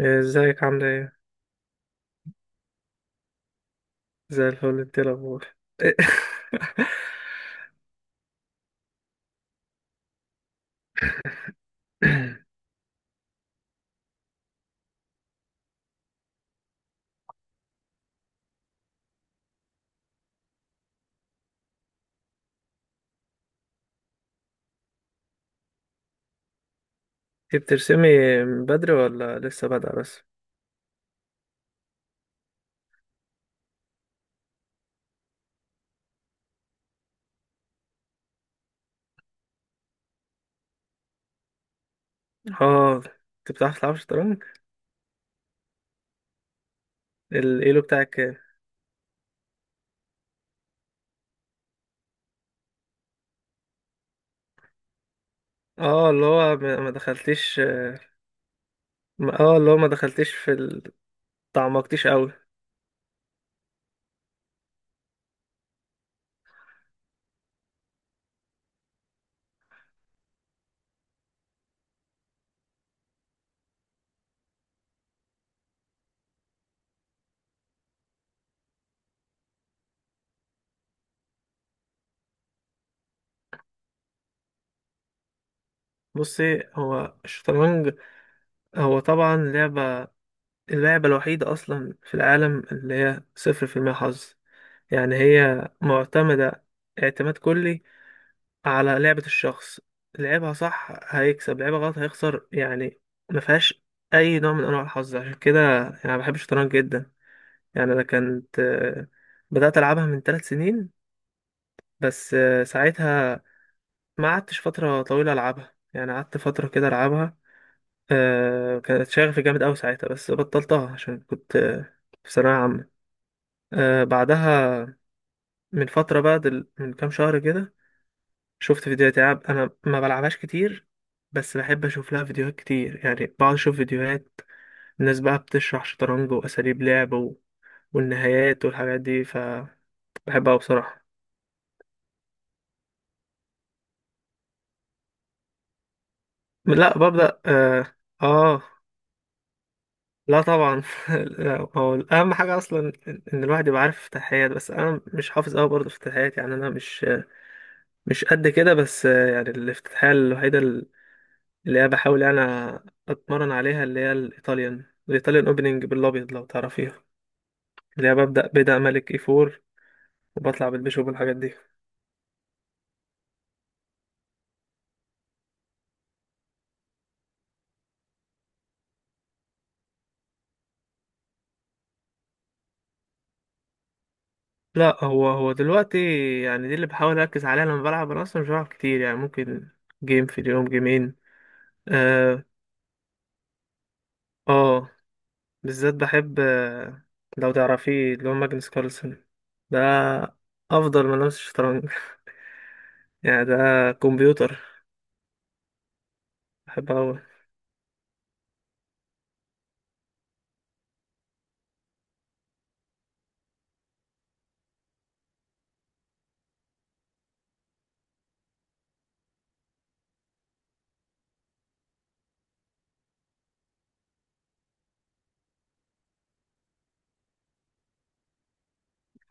ازيك، عاملة ايه؟ زي الفل، انت ايه الأخبار؟ إيه؟ انت بترسمي من بدري ولا لسه بادئة بس؟ اه، انت بتعرف تلعب شطرنج؟ الايلو بتاعك كام؟ اه، اللي هو ما دخلتيش. اه، اللي هو ما دخلتيش تعمقتيش قوي. بصي، هو الشطرنج هو طبعا لعبة، اللعبة الوحيدة أصلا في العالم اللي هي صفر في المية حظ، يعني هي معتمدة اعتماد كلي على لعبة الشخص. لعبها صح هيكسب، لعبها غلط هيخسر يعني. ما فيهاش أي نوع من أنواع الحظ، عشان كده يعني أنا بحب الشطرنج جدا. يعني أنا كنت بدأت ألعبها من ثلاث سنين، بس ساعتها ما قعدتش فترة طويلة ألعبها، يعني قعدت فترة كده ألعبها. كانت شغفي جامد أوي ساعتها، بس بطلتها عشان كنت في ثانوية عامة. بعدها من فترة بقى من كام شهر كده شفت فيديوهات العاب. انا ما بلعبهاش كتير، بس بحب اشوف لها فيديوهات كتير، يعني بقعد اشوف فيديوهات الناس بقى بتشرح شطرنج واساليب لعب والنهايات والحاجات دي، فبحبها. بصراحة لا ببدأ، اه، لا طبعا. لا، هو اهم حاجة اصلا إن الواحد يبقى عارف افتتاحيات، بس انا مش حافظ قوي برضه افتتاحيات، يعني انا مش قد كده. بس يعني الافتتاحية الوحيدة اللي انا بحاول اتمرن عليها، اللي هي الايطاليان اوبننج بالابيض لو تعرفيها، اللي هي ببدأ ملك اي فور وبطلع بالبيشوب والحاجات دي. لا، هو دلوقتي يعني دي اللي بحاول اركز عليها لما بلعب. انا اصلا مش بلعب كتير، يعني ممكن جيم في اليوم، جيمين. اه, آه بالذات بحب، لو تعرفيه اللي هو ماجنس كارلسن، ده افضل من لمس الشطرنج. يعني ده كمبيوتر، بحب اوي.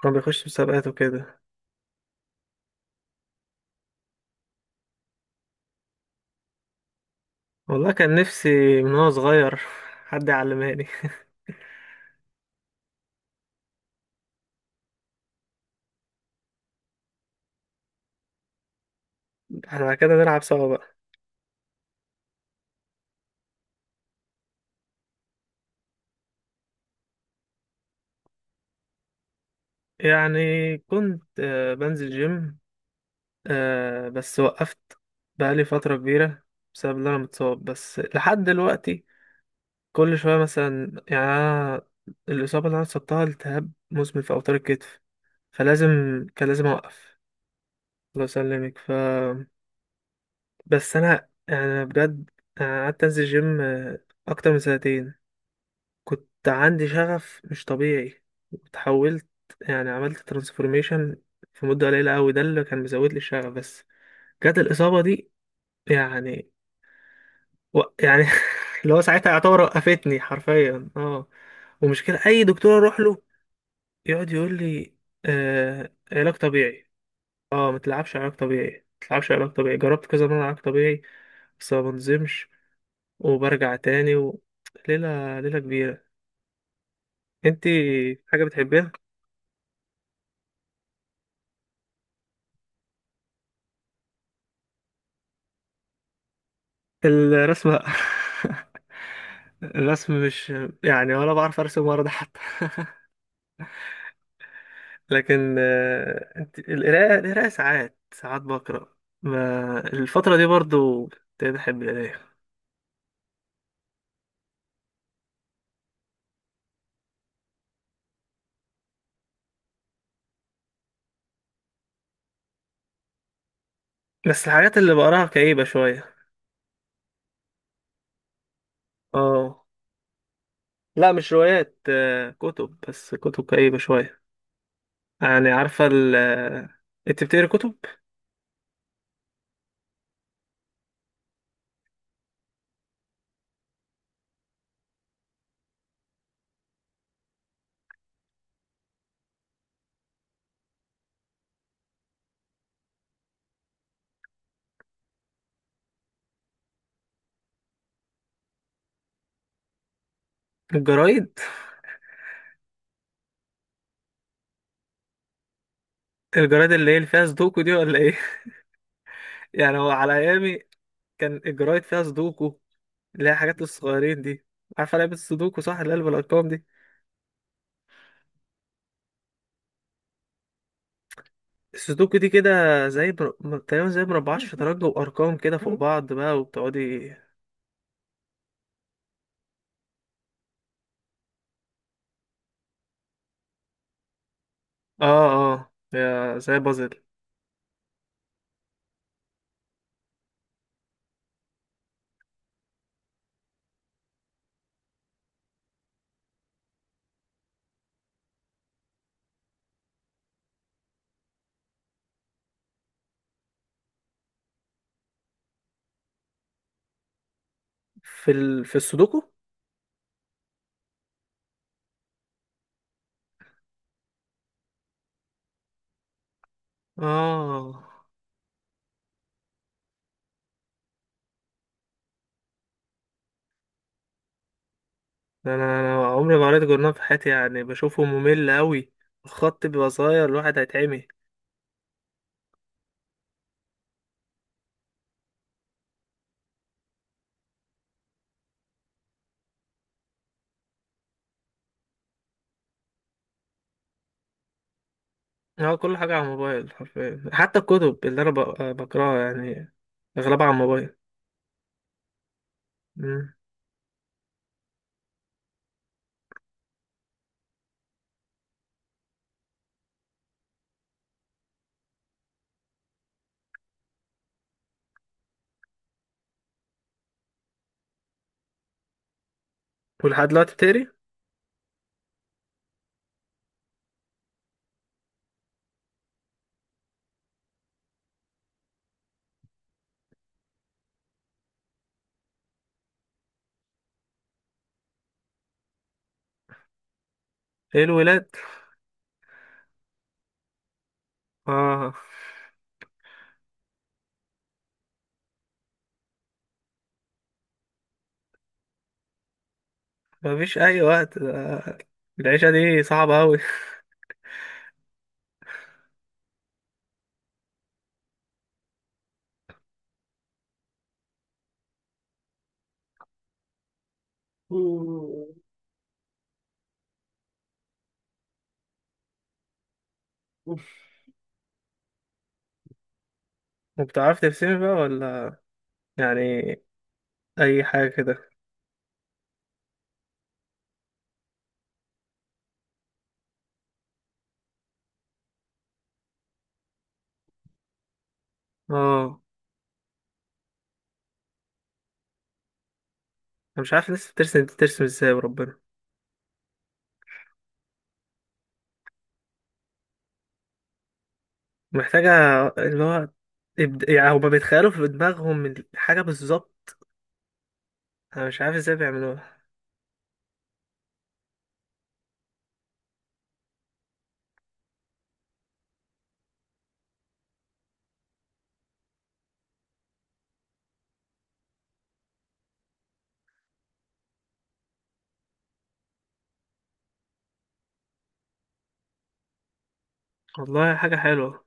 كان بيخش مسابقات وكده؟ والله كان نفسي من وانا صغير حد يعلمهاني. احنا كده نلعب سوا بقى. يعني كنت بنزل جيم، آه، بس وقفت بقالي فترة كبيرة بسبب إن أنا متصاب بس لحد دلوقتي. كل شوية مثلا يعني أنا الإصابة اللي أنا اتصبتها التهاب مزمن في أوتار الكتف، فلازم كان لازم أوقف. الله يسلمك. بس أنا يعني، أنا بجد أنا قعدت أنزل جيم أكتر من سنتين. كنت عندي شغف مش طبيعي، اتحولت، يعني عملت ترانسفورميشن في مدة قليلة أوي، ده اللي كان مزود لي الشغف. بس جت الإصابة دي يعني. يعني اللي هو ساعتها يعتبر وقفتني حرفيا، اه. ومشكلة اي دكتور اروح له يقعد يقول لي، علاج طبيعي. اه، ما تلعبش علاج طبيعي، ما تلعبش علاج طبيعي. جربت كذا مرة علاج طبيعي بس ما بنزمش وبرجع تاني ليلة ليلة كبيرة. انتي حاجة بتحبيها؟ الرسمة. الرسم مش، يعني ولا بعرف ارسم ولا ده حتى، لكن القراءة ساعات ساعات بقرأ. ما الفترة دي برضو ابتديت أحب القراية، بس الحاجات اللي بقراها كئيبة شوية. اه، لا مش روايات، كتب، بس كتب كئيبة شوية. يعني عارفة ال آه، انت بتقري كتب؟ الجرايد الجرايد اللي فيها سودوكو دي ولا ايه؟ يعني هو على ايامي كان الجرايد فيها سودوكو، اللي هي حاجات الصغيرين دي. عارفة لعبة السودوكو صح، اللي قلب الأرقام دي؟ السودوكو دي كده زي تقريبا زي مربعات شطرنج وارقام كده فوق بعض بقى، وبتقعدي. اه، اه، يا زي بازل. في السودوكو. اه. ده انا عمري ما قريت جورنال في حياتي، يعني بشوفه ممل قوي، الخط بيبقى صغير، الواحد هيتعمي. اه، كل حاجه على الموبايل حرفيا، حتى الكتب اللي انا بقراها يعني، اغلبها على الموبايل. مم. ولحد دلوقتي بتقري؟ ايه الولاد؟ اه. مفيش اي وقت، العيشه دي صعبه قوي. وبتعرف ترسمي بقى ولا، يعني اي حاجه كده؟ اه، انا مش عارف لسه بترسم، ازاي وربنا. محتاجه اللي هو، يعني هما بيتخيلوا في دماغهم الحاجه بالظبط. انا مش عارف ازاي بيعملوها. والله حاجه حلوه،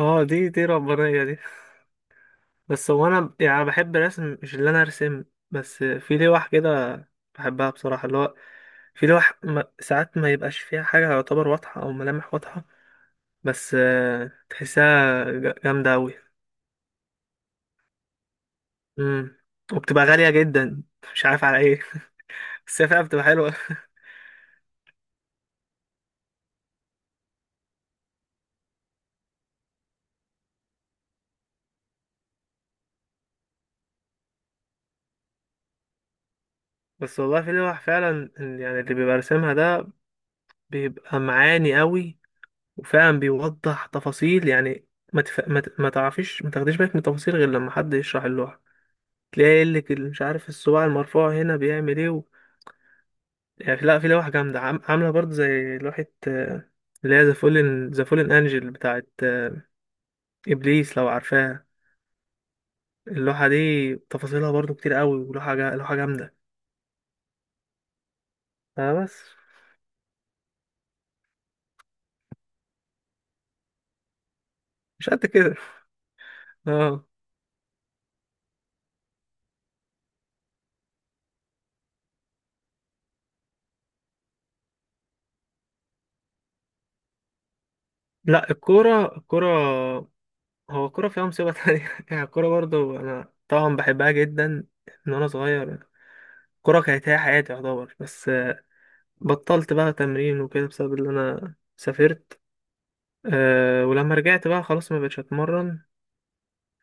اه، دي ربانيه دي. بس هو انا يعني بحب الرسم، مش اللي انا ارسم، بس في لوح كده بحبها بصراحه، اللي هو في لوح، ساعات ما يبقاش فيها حاجه يعتبر واضحه او ملامح واضحه، بس تحسها جامدة أوي. مم. وبتبقى غالية جدا، مش عارف على ايه. بس هي فعلا بتبقى حلوة. بس والله في لوح فعلا، يعني اللي بيبقى راسمها ده بيبقى معاني أوي وفعلا بيوضح تفاصيل، يعني ما تعرفيش، ما تاخديش بالك من التفاصيل غير لما حد يشرح اللوحة. تلاقي يقول لك، مش عارف الصباع المرفوع هنا بيعمل ايه يعني لا، في لوح جامدة عاملة برضه زي لوحة، اللي هي ذا فولن انجل بتاعت ابليس لو عارفاها. اللوحة دي تفاصيلها برضو كتير قوي، لوحة جامدة. آه، بس مش قد كده. اه، لا، الكورة هو الكورة فيها مصيبة تانية. يعني الكورة برضو أنا طبعا بحبها جدا من وأنا صغير. الكورة كانت هي حياتي يعتبر، بس بطلت بقى تمرين وكده بسبب إن أنا سافرت. أه، ولما رجعت بقى خلاص ما بقتش أتمرن،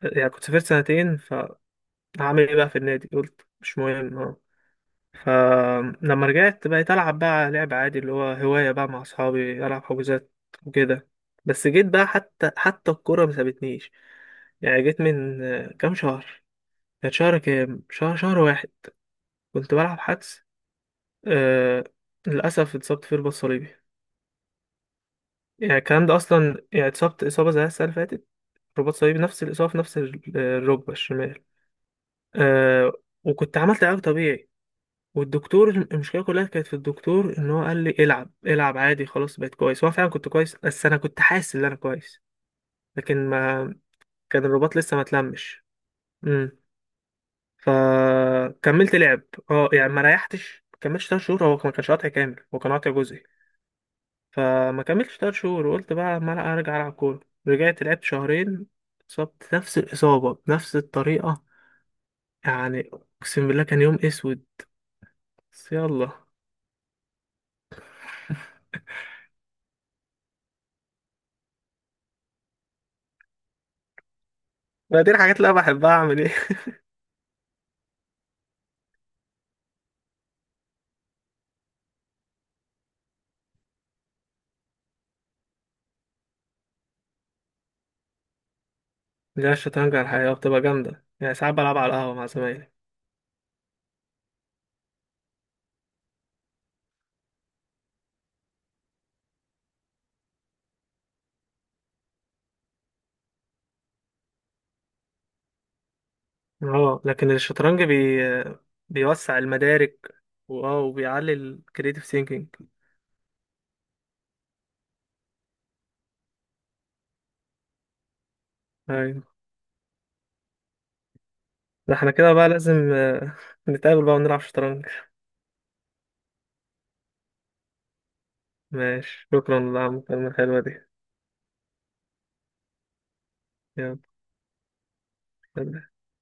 يعني كنت سافرت سنتين، فهعمل إيه بقى في النادي؟ قلت مش مهم، آه. فلما رجعت بقيت ألعب بقى لعب عادي، اللي هو هواية بقى، مع أصحابي ألعب حجوزات وكده. بس جيت بقى، حتى الكورة ما سابتنيش، يعني جيت من كام شهر، كانت شهر، كام شهر، شهر واحد كنت بلعب حدس، آه، للأسف اتصبت فيه رباط صليبي. يعني الكلام ده أصلا، يعني اتصبت إصابة زي السنة اللي فاتت، رباط صليبي، نفس الإصابة في نفس الركبة الشمال. آه، وكنت عملت علاج طبيعي، والدكتور، المشكله كلها كانت في الدكتور ان هو قال لي العب، العب عادي، خلاص بقيت كويس. هو فعلا كنت كويس، بس انا كنت حاسس ان انا كويس، لكن ما كان الرباط لسه ما اتلمش. امم. فكملت لعب، اه، يعني ما ريحتش، ما كملتش 3 شهور، هو ما كانش قاطع كامل، هو كان قاطع جزئي. فما كملتش 3 شهور وقلت بقى ما لا ارجع العب كوره. رجعت لعبت شهرين، اتصبت نفس الاصابه بنفس الطريقه، يعني اقسم بالله كان يوم اسود، بس يلا. ما دي الحاجات اللي انا بحبها، اعمل إيه؟ لا، الشطرنج على الحقيقة بتبقى جامدة، يعني ساعات بلعب على القهوة مع زمايلي. اه، لكن الشطرنج بيوسع المدارك، واه وبيعلي الكريتيف ثينكينج. ايوه. ده احنا كده بقى لازم نتقابل بقى ونلعب شطرنج. ماشي، شكرا على المكالمة الحلوة دي. يلا، سلام.